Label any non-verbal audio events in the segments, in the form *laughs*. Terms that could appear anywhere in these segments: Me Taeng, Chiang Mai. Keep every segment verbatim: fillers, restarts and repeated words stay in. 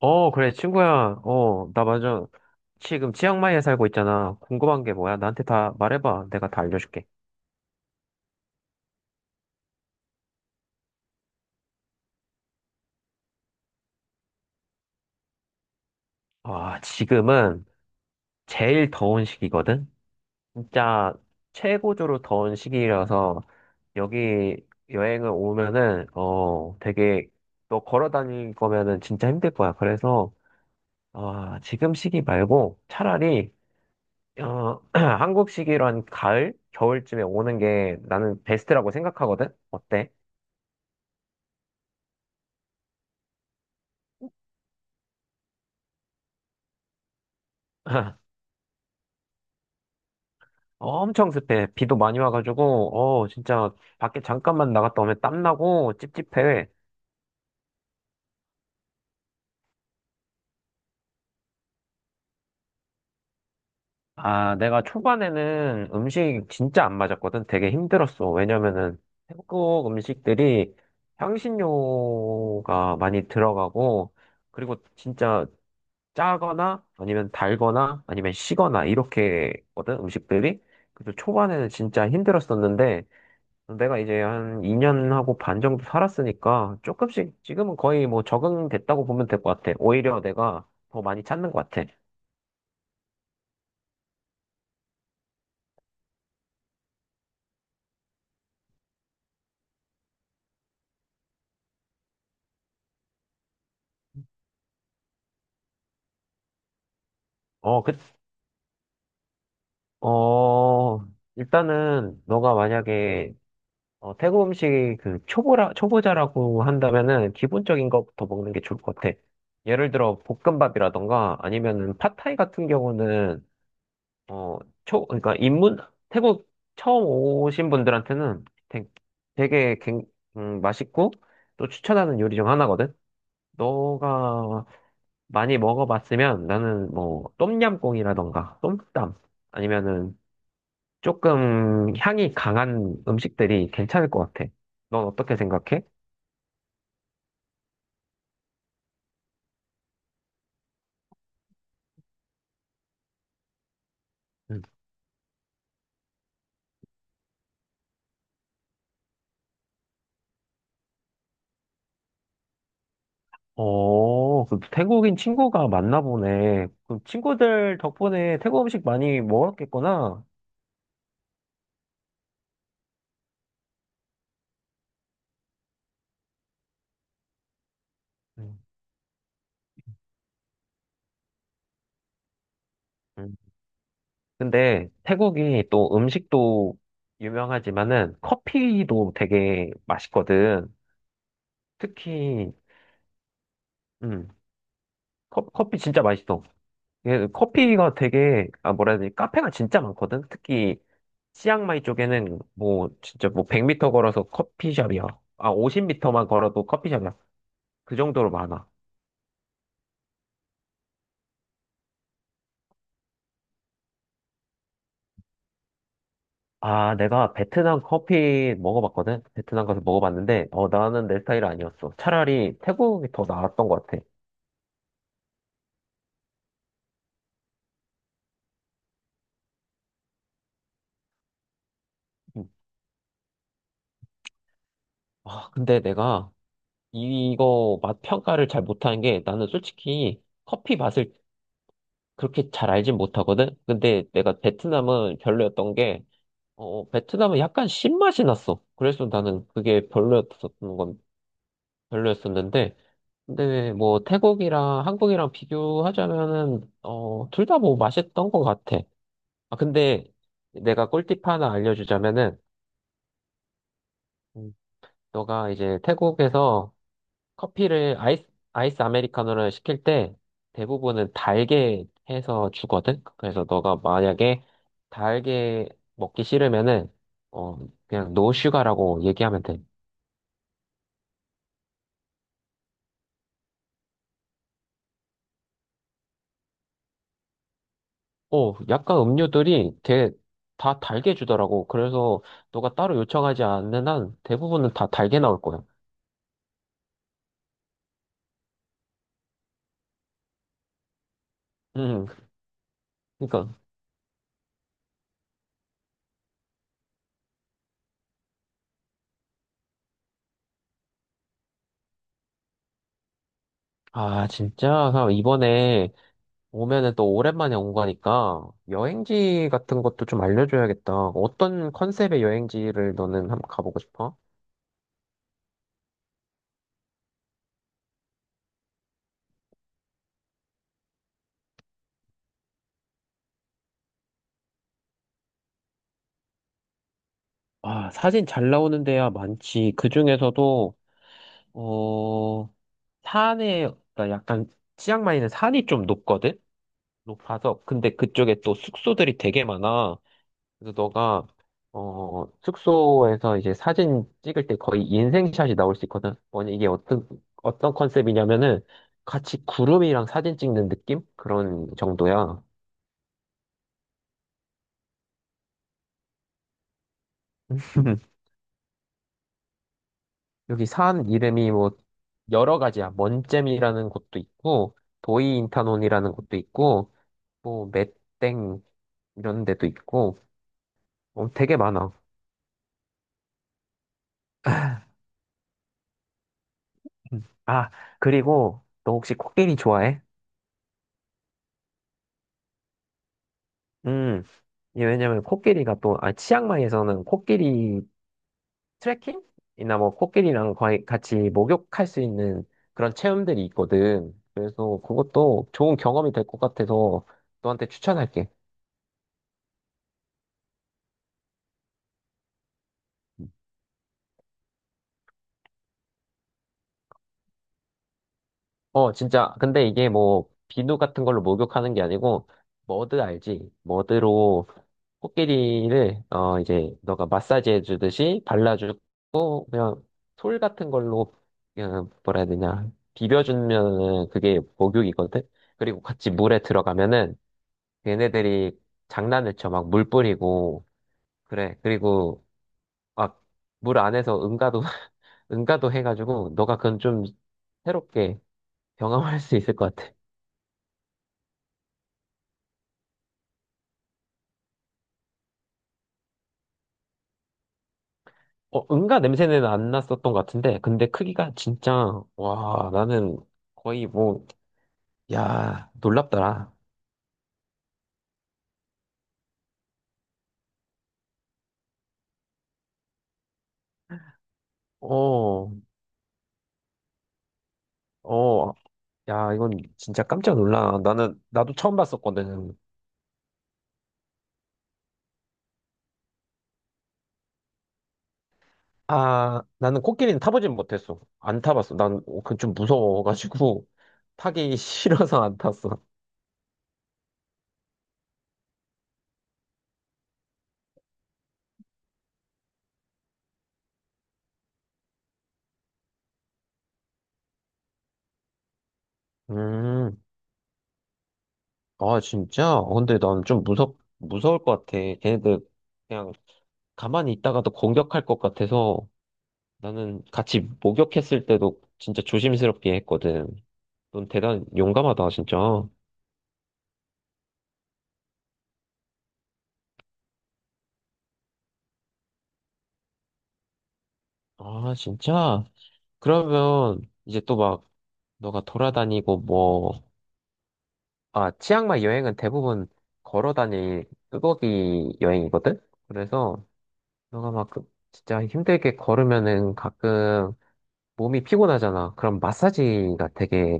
어, 그래, 친구야. 어, 나 맞아. 지금 치앙마이에 살고 있잖아. 궁금한 게 뭐야? 나한테 다 말해봐. 내가 다 알려줄게. 아, 지금은 제일 더운 시기거든? 진짜 최고조로 더운 시기라서 여기 여행을 오면은, 어, 되게 너 걸어 다닐 거면은 진짜 힘들 거야. 그래서, 아, 지금 시기 말고 차라리, 어, *clears throat* 한국 시기로 한 가을? 겨울쯤에 오는 게 나는 베스트라고 생각하거든? 어때? *laughs* 어, 엄청 습해. 비도 많이 와가지고, 어, 진짜 밖에 잠깐만 나갔다 오면 땀나고 찝찝해. 아, 내가 초반에는 음식 진짜 안 맞았거든. 되게 힘들었어. 왜냐면은 태국 음식들이 향신료가 많이 들어가고, 그리고 진짜 짜거나 아니면 달거나 아니면 시거나 이렇게거든, 음식들이. 그래서 초반에는 진짜 힘들었었는데, 내가 이제 한 이 년하고 반 정도 살았으니까 조금씩 지금은 거의 뭐 적응됐다고 보면 될 것 같아. 오히려 내가 더 많이 찾는 것 같아. 어, 그, 어, 일단은 너가 만약에 어, 태국 음식 그 초보라, 초보자라고 한다면은 기본적인 것부터 먹는 게 좋을 것 같아. 예를 들어 볶음밥이라던가 아니면은 팟타이 같은 경우는 어, 초, 그러니까 입문, 태국 처음 오신 분들한테는 되- 되게 갱- 음, 맛있고 또 추천하는 요리 중 하나거든? 너가 많이 먹어봤으면 나는 뭐 똠얌꿍이라던가 똠땀 아니면은 조금 향이 강한 음식들이 괜찮을 것 같아. 넌 어떻게 생각해? 음. 어, 그 태국인 친구가 많나 보네. 그 친구들 덕분에 태국 음식 많이 먹었겠구나. 음. 근데 태국이 또 음식도 유명하지만은 커피도 되게 맛있거든. 특히, 음, 커, 커피 진짜 맛있어. 예, 커피가 되게, 아, 뭐라 해야 되지? 카페가 진짜 많거든. 특히, 치앙마이 쪽에는 뭐, 진짜 뭐 백 미터 걸어서 커피숍이야. 아, 오십 미터만 걸어도 커피숍이야. 그 정도로 많아. 아, 내가 베트남 커피 먹어봤거든? 베트남 가서 먹어봤는데, 어, 나는 내 스타일 아니었어. 차라리 태국이 더 나았던 것 같아. 아, 근데 내가 이거 맛 평가를 잘 못하는 게 나는 솔직히 커피 맛을 그렇게 잘 알진 못하거든? 근데 내가 베트남은 별로였던 게, 어, 베트남은 약간 신맛이 났어. 그래서 나는 그게 별로였었던 건 별로였었는데, 근데 뭐 태국이랑 한국이랑 비교하자면은, 어, 둘 다 뭐 맛있던 것 같아. 아, 근데 내가 꿀팁 하나 알려주자면은, 음, 너가 이제 태국에서 커피를 아이스, 아이스 아메리카노를 시킬 때 대부분은 달게 해서 주거든? 그래서 너가 만약에 달게 먹기 싫으면은, 어, 그냥 노 슈가라고 얘기하면 돼. 어, 약간 음료들이 되게 다 달게 주더라고. 그래서 너가 따로 요청하지 않는 한 대부분은 다 달게 나올 거야. 음, 그러니까. 아, 진짜? 그럼 이번에 오면은 또 오랜만에 온 거니까 여행지 같은 것도 좀 알려줘야겠다. 어떤 컨셉의 여행지를 너는 한번 가보고 싶어? 아, 사진 잘 나오는 데야 많지. 그 중에서도, 어, 산에, 그러니까 약간, 치앙마이는 산이 좀 높거든? 높아서. 근데 그쪽에 또 숙소들이 되게 많아. 그래서 너가 어 숙소에서 이제 사진 찍을 때 거의 인생샷이 나올 수 있거든. 뭐냐 이게 어떤 어떤 컨셉이냐면은 같이 구름이랑 사진 찍는 느낌 그런 정도야. *laughs* 여기 산 이름이 뭐 여러 가지야. 먼잼이라는 곳도 있고 도이인타논이라는 곳도 있고 뭐 메땡 이런 데도 있고 어, 되게 많아. *laughs* 아 그리고 너 혹시 코끼리 좋아해? 음. 이게 왜냐면 코끼리가 또, 아, 치앙마이에서는 코끼리 트레킹이나 뭐 코끼리랑 거의 같이 목욕할 수 있는 그런 체험들이 있거든. 그래서 그것도 좋은 경험이 될 것 같아서 너한테 추천할게. 어, 진짜. 근데 이게 뭐 비누 같은 걸로 목욕하는 게 아니고 머드 알지? 머드로 코끼리를 어 이제 너가 마사지 해주듯이 발라주고 그냥 솔 같은 걸로 그냥 뭐라 해야 되냐 비벼주면은 그게 목욕이거든. 그리고 같이 물에 들어가면은 얘네들이 장난을 쳐 막 물 뿌리고 그래. 그리고 막 물 안에서 응가도 *laughs* 응가도 해가지고 너가 그건 좀 새롭게 경험할 수 있을 것 같아. 어, 응가 냄새는 안 났었던 것 같은데, 근데 크기가 진짜, 와, 나는 거의 뭐, 야, 놀랍더라. 어, 어, 야, 이건 진짜 깜짝 놀라. 나는, 나도 처음 봤었거든. 아, 나는 코끼리는 타보진 못했어. 안 타봤어. 난 그 좀 무서워가지고 *laughs* 타기 싫어서 안 탔어. 음, 아, 진짜? 어, 근데 난 좀 무섭, 무서울 것 같아. 걔네들 그냥 가만히 있다가도 공격할 것 같아서 나는 같이 목욕했을 때도 진짜 조심스럽게 했거든. 넌 대단 용감하다, 진짜. 아, 진짜? 그러면 이제 또 막 너가 돌아다니고 뭐, 아, 치앙마이 여행은 대부분 걸어 다닐 뚜벅이 여행이거든? 그래서 너가 막 그- 진짜 힘들게 걸으면은 가끔 몸이 피곤하잖아. 그럼 마사지가 되게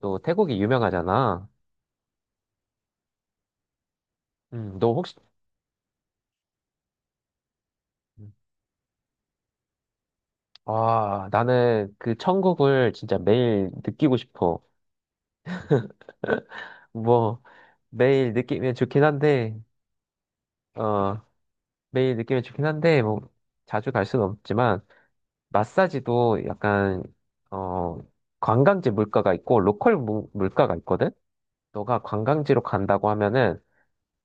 또 태국이 유명하잖아. 음, 너 혹시, 음. 아, 나는 그 천국을 진짜 매일 느끼고 싶어. 뭐, 매일 느끼면 좋긴 한데, 어, 매일 느끼면 좋긴 한데, 뭐, 자주 갈 수는 없지만, 마사지도 약간 어 관광지 물가가 있고 로컬 무- 물가가 있거든. 너가 관광지로 간다고 하면은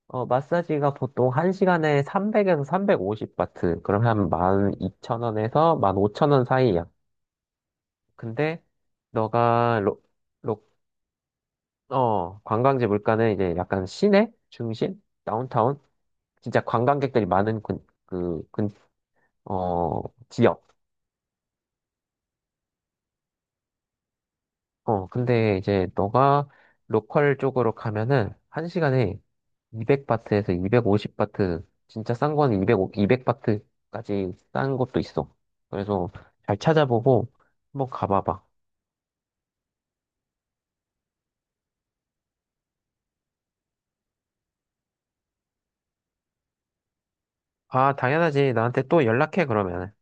어 마사지가 보통 한 시간에 삼백에서 삼백오십 바트. 그럼 한 만 이천 원에서 만 오천 원 사이야. 근데 너가 로, 로, 어 관광지 물가는 이제 약간 시내 중심 다운타운 진짜 관광객들이 많은 그, 그, 근- 어, 지역. 어, 근데 이제 너가 로컬 쪽으로 가면은 한 시간에 이백 바트에서 이백오십 바트, 진짜 싼 거는 이백 이백 바트까지 싼 것도 있어. 그래서 잘 찾아보고 한번 가봐봐. 아, 당연하지. 나한테 또 연락해, 그러면.